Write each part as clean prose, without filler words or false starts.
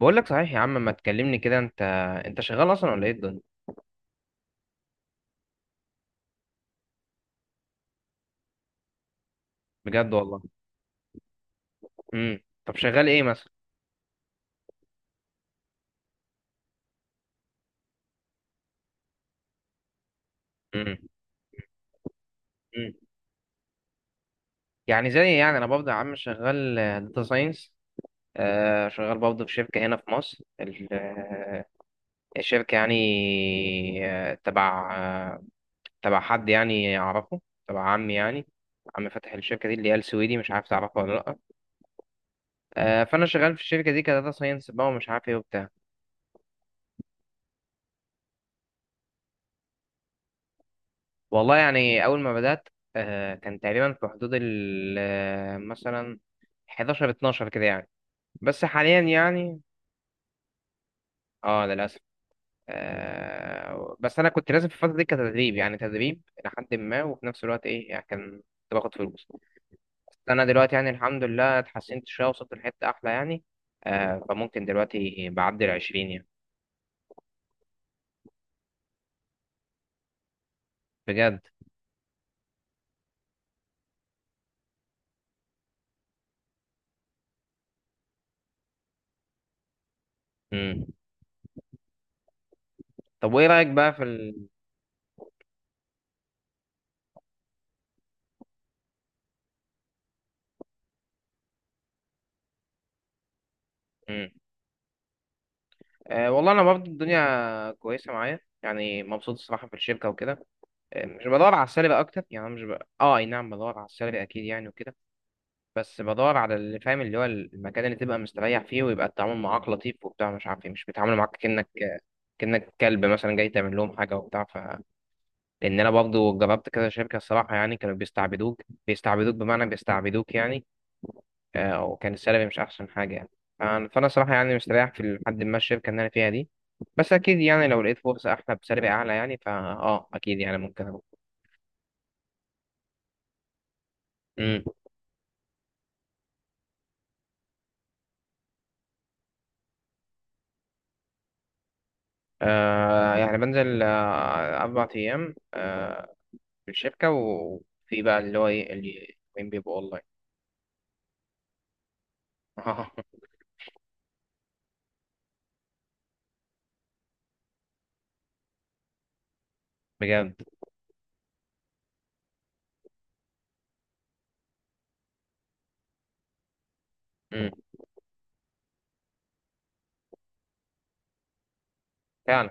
بقول لك صحيح يا عم، ما تكلمني كده. انت، شغال اصلا ولا ايه الدنيا؟ بجد والله. طب شغال ايه مثلا؟ امم امم يعني زي، يعني انا برضه يا عم شغال داتا ساينس. شغال برضه في شركه هنا في مصر، الشركه يعني، آه، تبع آه، تبع حد يعني اعرفه، تبع عمي يعني. عم فتح الشركه دي اللي هي السويدي، مش عارف تعرفه ولا لا. فانا شغال في الشركه دي كداتا ساينس بقى، ومش عارف ايه وبتاع. والله يعني أول ما بدأت كان تقريبا في حدود ال مثلا 11 12 كده يعني. بس حاليا يعني اه للأسف. بس أنا كنت لازم في الفترة دي كتدريب، يعني تدريب لحد ما، وفي نفس الوقت إيه يعني، كان كنت باخد فلوس. بس أنا دلوقتي يعني الحمد لله اتحسنت شوية، وصلت لحتة أحلى يعني. فممكن دلوقتي بعدي العشرين يعني. بجد. مم. طب وإيه رأيك بقى في ال...؟ مم. والله أنا برضه الدنيا كويسة معايا يعني، مبسوط الصراحة في الشركة وكده. مش بدور على السلبي اكتر يعني. أنا مش ب... اه اي نعم، بدور على السلبي اكيد يعني وكده. بس بدور على اللي فاهم، اللي هو المكان اللي تبقى مستريح فيه، ويبقى التعامل معاك لطيف وبتاع، مش عارف ايه. مش بيتعاملوا معاك كأنك، كلب مثلا جاي تعمل لهم حاجه وبتاع، ف. لان انا برضه جربت كذا شركه الصراحه يعني، كانوا بيستعبدوك، بيستعبدوك، بمعنى بيستعبدوك يعني. وكان السلبي مش احسن حاجه يعني. فانا صراحه يعني مستريح في لحد ما الشركه اللي انا فيها دي. بس اكيد يعني لو لقيت فرصه احلى بسلبي اعلى يعني، فا اه اكيد يعني ممكن اروح. يعني بنزل أربع أيام في الشركة، وفي بقى اللي هو إيه اللي وين بيبقوا أونلاين. بجد. مم. فعلا.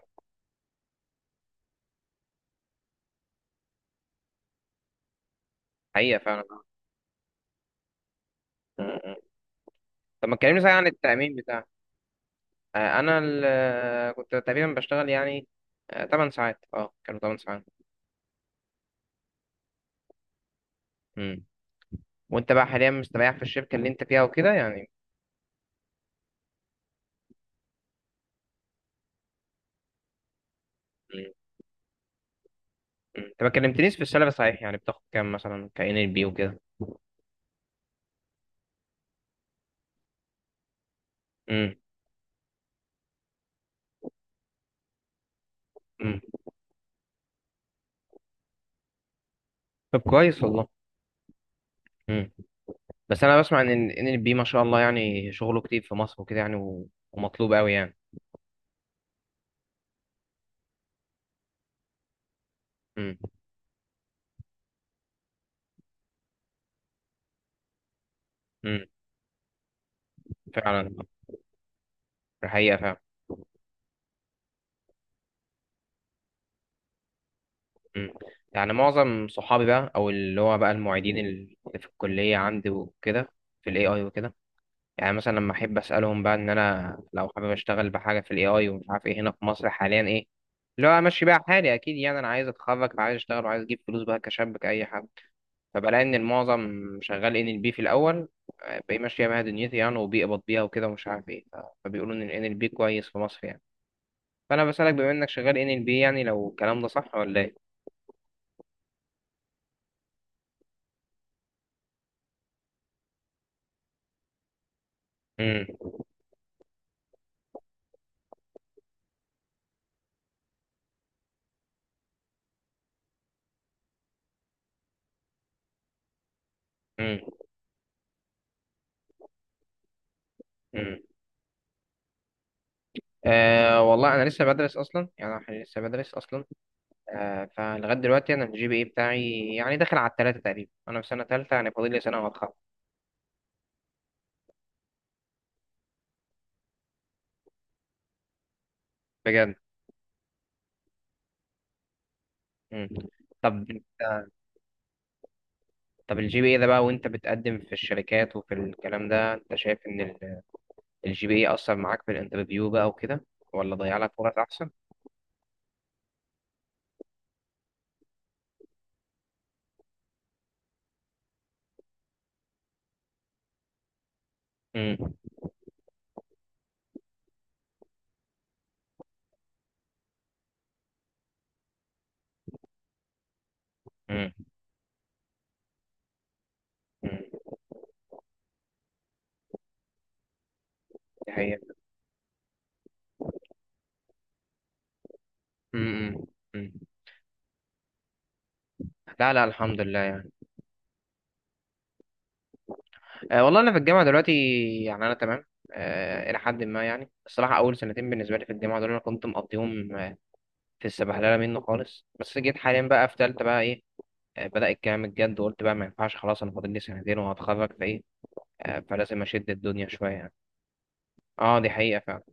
حقيقة فعلا. مم. مم. طب ما تكلمني صحيح عن التأمين بتاعك. أنا كنت تقريبا بشتغل يعني 8 ساعات. أه كانوا 8 ساعات. مم. وأنت بقى حاليا مستريح في الشركة اللي أنت فيها وكده يعني؟ مم. مم. أنت ما كلمتنيش في السالري صحيح، يعني بتاخد كام مثلا كإن ال بي وكده؟ مم. مم. طب كويس والله. بس انا بسمع ان ال بي ما شاء الله يعني شغله كتير في مصر وكده يعني، و- ومطلوب قوي يعني. امم امم فعلا. الحقيقه فعلا. امم يعني معظم صحابي بقى، او اللي هو بقى المعيدين اللي في الكليه عندي وكده، في الاي اي وكده. يعني مثلا لما احب اسالهم بقى، ان انا لو حابب اشتغل بحاجه في الاي اي ومش عارف ايه، هنا في مصر حاليا ايه اللي هو امشي بقى حالي؟ اكيد يعني انا عايز اتخرج وعايز اشتغل وعايز اجيب فلوس بقى كشاب كاي حد. فبلاقي ان المعظم شغال ان ال بي في الاول. باقي ماشيه بيها دنيتي يعني، وبيقبض بيها وكده ومش عارف ايه، ف-. فبيقولوا ان ال NLP كويس في مصر يعني. فانا بسالك بما انك شغال ان ال بي، يعني لو الكلام ده صح ولا ايه؟ امم امم امم آه والله انا لسه بدرس اصلا يعني، انا لسه بدرس اصلا. آه فلغايه دلوقتي انا الجي بي اي بتاعي يعني داخل على التلاته تقريبا، انا في سنه تالته يعني، فاضل لي سنه وهتخرج. بجد. امم طب انت. طب الجي بي اي ده بقى، وانت بتقدم في الشركات وفي الكلام ده، انت شايف ان الجي بي اي اثر معاك في الانترفيو بقى وكده، ولا ضيع لك فرص احسن؟ امم امم امم دي حقيقة. امم امم لا لا، الحمد لله يعني. أه والله انا في الجامعه دلوقتي، يعني انا تمام. أه الى حد ما يعني. الصراحه اول سنتين بالنسبه لي في الجامعه دول انا كنت مقضيهم في السبهلله منه خالص. بس جيت حاليا بقى في ثالثه بقى ايه. بدأ الكلام الجد وقلت بقى ما ينفعش خلاص، انا فاضل لي سنتين وهتخرج فايه. فلازم اشد الدنيا شويه يعني. اه دي حقيقه فعلا.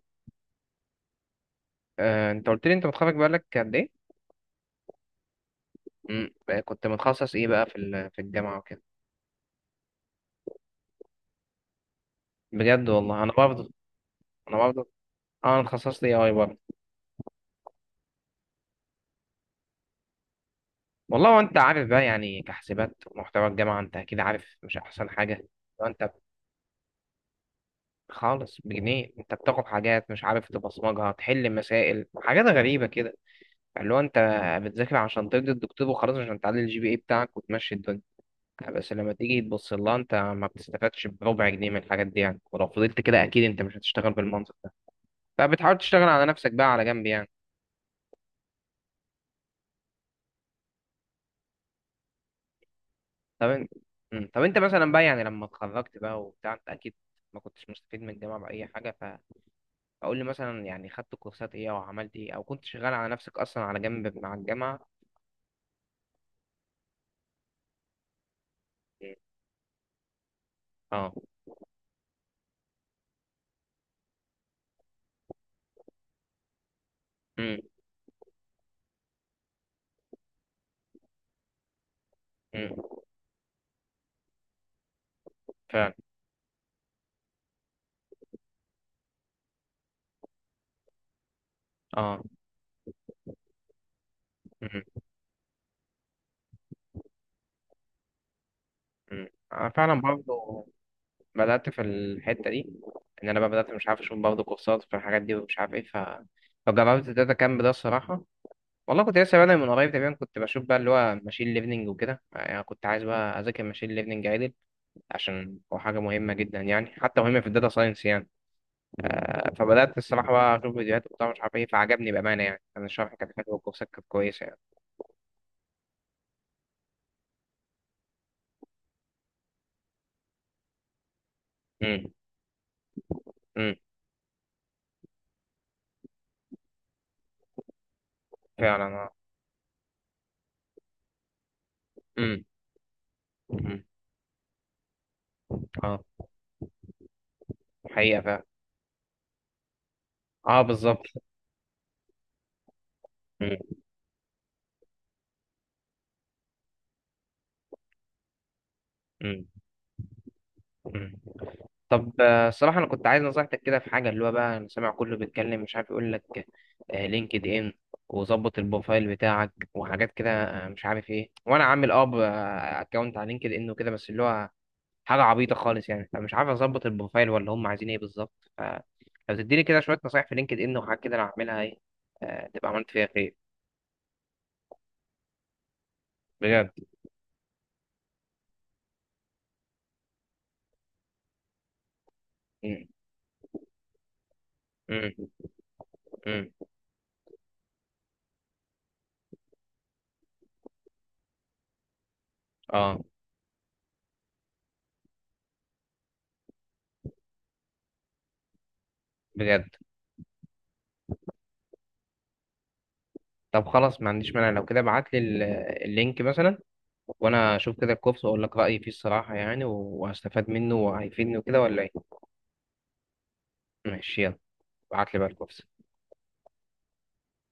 انت قلت لي انت متخرج بقالك قد ايه؟ مم. بقى كنت متخصص ايه بقى في في الجامعه وكده؟ بجد والله. انا برضه. انا برضه اه، انا اتخصصت اي اي برضه. والله وانت عارف بقى يعني، كحسابات ومحتوى الجامعه انت اكيد عارف مش احسن حاجه. انت، خالص بجنيه، انت بتاخد حاجات مش عارف تبصمجها، تحل مسائل، حاجات غريبه كده، اللي هو انت بتذاكر عشان ترضي الدكتور وخلاص، عشان تعلي الجي بي اي بتاعك وتمشي الدنيا. بس لما تيجي تبص لها انت ما بتستفادش بربع جنيه من الحاجات دي يعني. ولو فضلت كده اكيد انت مش هتشتغل بالمنطق ده. فبتحاول تشتغل على نفسك بقى على جنب يعني. طب انت. مم. طب انت مثلا بقى، يعني لما اتخرجت بقى وبتاع، انت اكيد ما كنتش مستفيد من الجامعه باي حاجه، ف-. فقول لي مثلا يعني، خدت كورسات ايه او عملت ايه، او كنت شغال على نفسك اصلا على جنب مع الجامعه؟ اه. امم امم فعلا. اه. امم امم انا فعلا برضه بدات في الحته دي. ان انا بقى بدات مش عارف اشوف برضه كورسات في الحاجات دي ومش عارف ايه، ف، فجربت الداتا كامب ده الصراحه. والله كنت لسه بادئ من قريب تقريبا، كنت بشوف بقى اللي هو ماشين ليرنينج وكده يعني، كنت عايز بقى اذاكر ماشين ليرنينج عدل، عشان هو حاجة مهمة جدا يعني، حتى مهمة في الداتا ساينس يعني. فبدأت الصراحة بقى أشوف فيديوهات وبتاع مش عارف إيه، فعجبني بأمانة يعني. أنا الشرح كان حلو والكورسات كانت كويسة يعني. امم امم فعلا. اه. امم امم اه حقيقة فعلا. اه بالظبط. امم امم امم طب الصراحة أنا كنت عايز نصيحتك كده في حاجة. اللي هو بقى أنا سامع كله بيتكلم مش عارف يقول لك لينكد إن وظبط البروفايل بتاعك وحاجات كده، مش عارف إيه. وأنا عامل أكونت على لينكد إن وكده، بس اللي هو حاجة عبيطة خالص يعني، فمش عارف أظبط البروفايل ولا هم عايزين إيه بالظبط. فلو تديني كده شوية نصايح في لينكد إن وحاجات كده أنا هعملها إيه، تبقى عملت فيها خير. بجد. مم. مم. مم. آه بجد. طب خلاص ما عنديش مانع. لو كده ابعت لي اللينك مثلا، وأنا أشوف كده الكورس وأقول لك رأيي فيه الصراحة يعني، وهستفاد منه وهيفيدني وكده ولا إيه. ماشي يلا. ابعت لي بقى الكورس.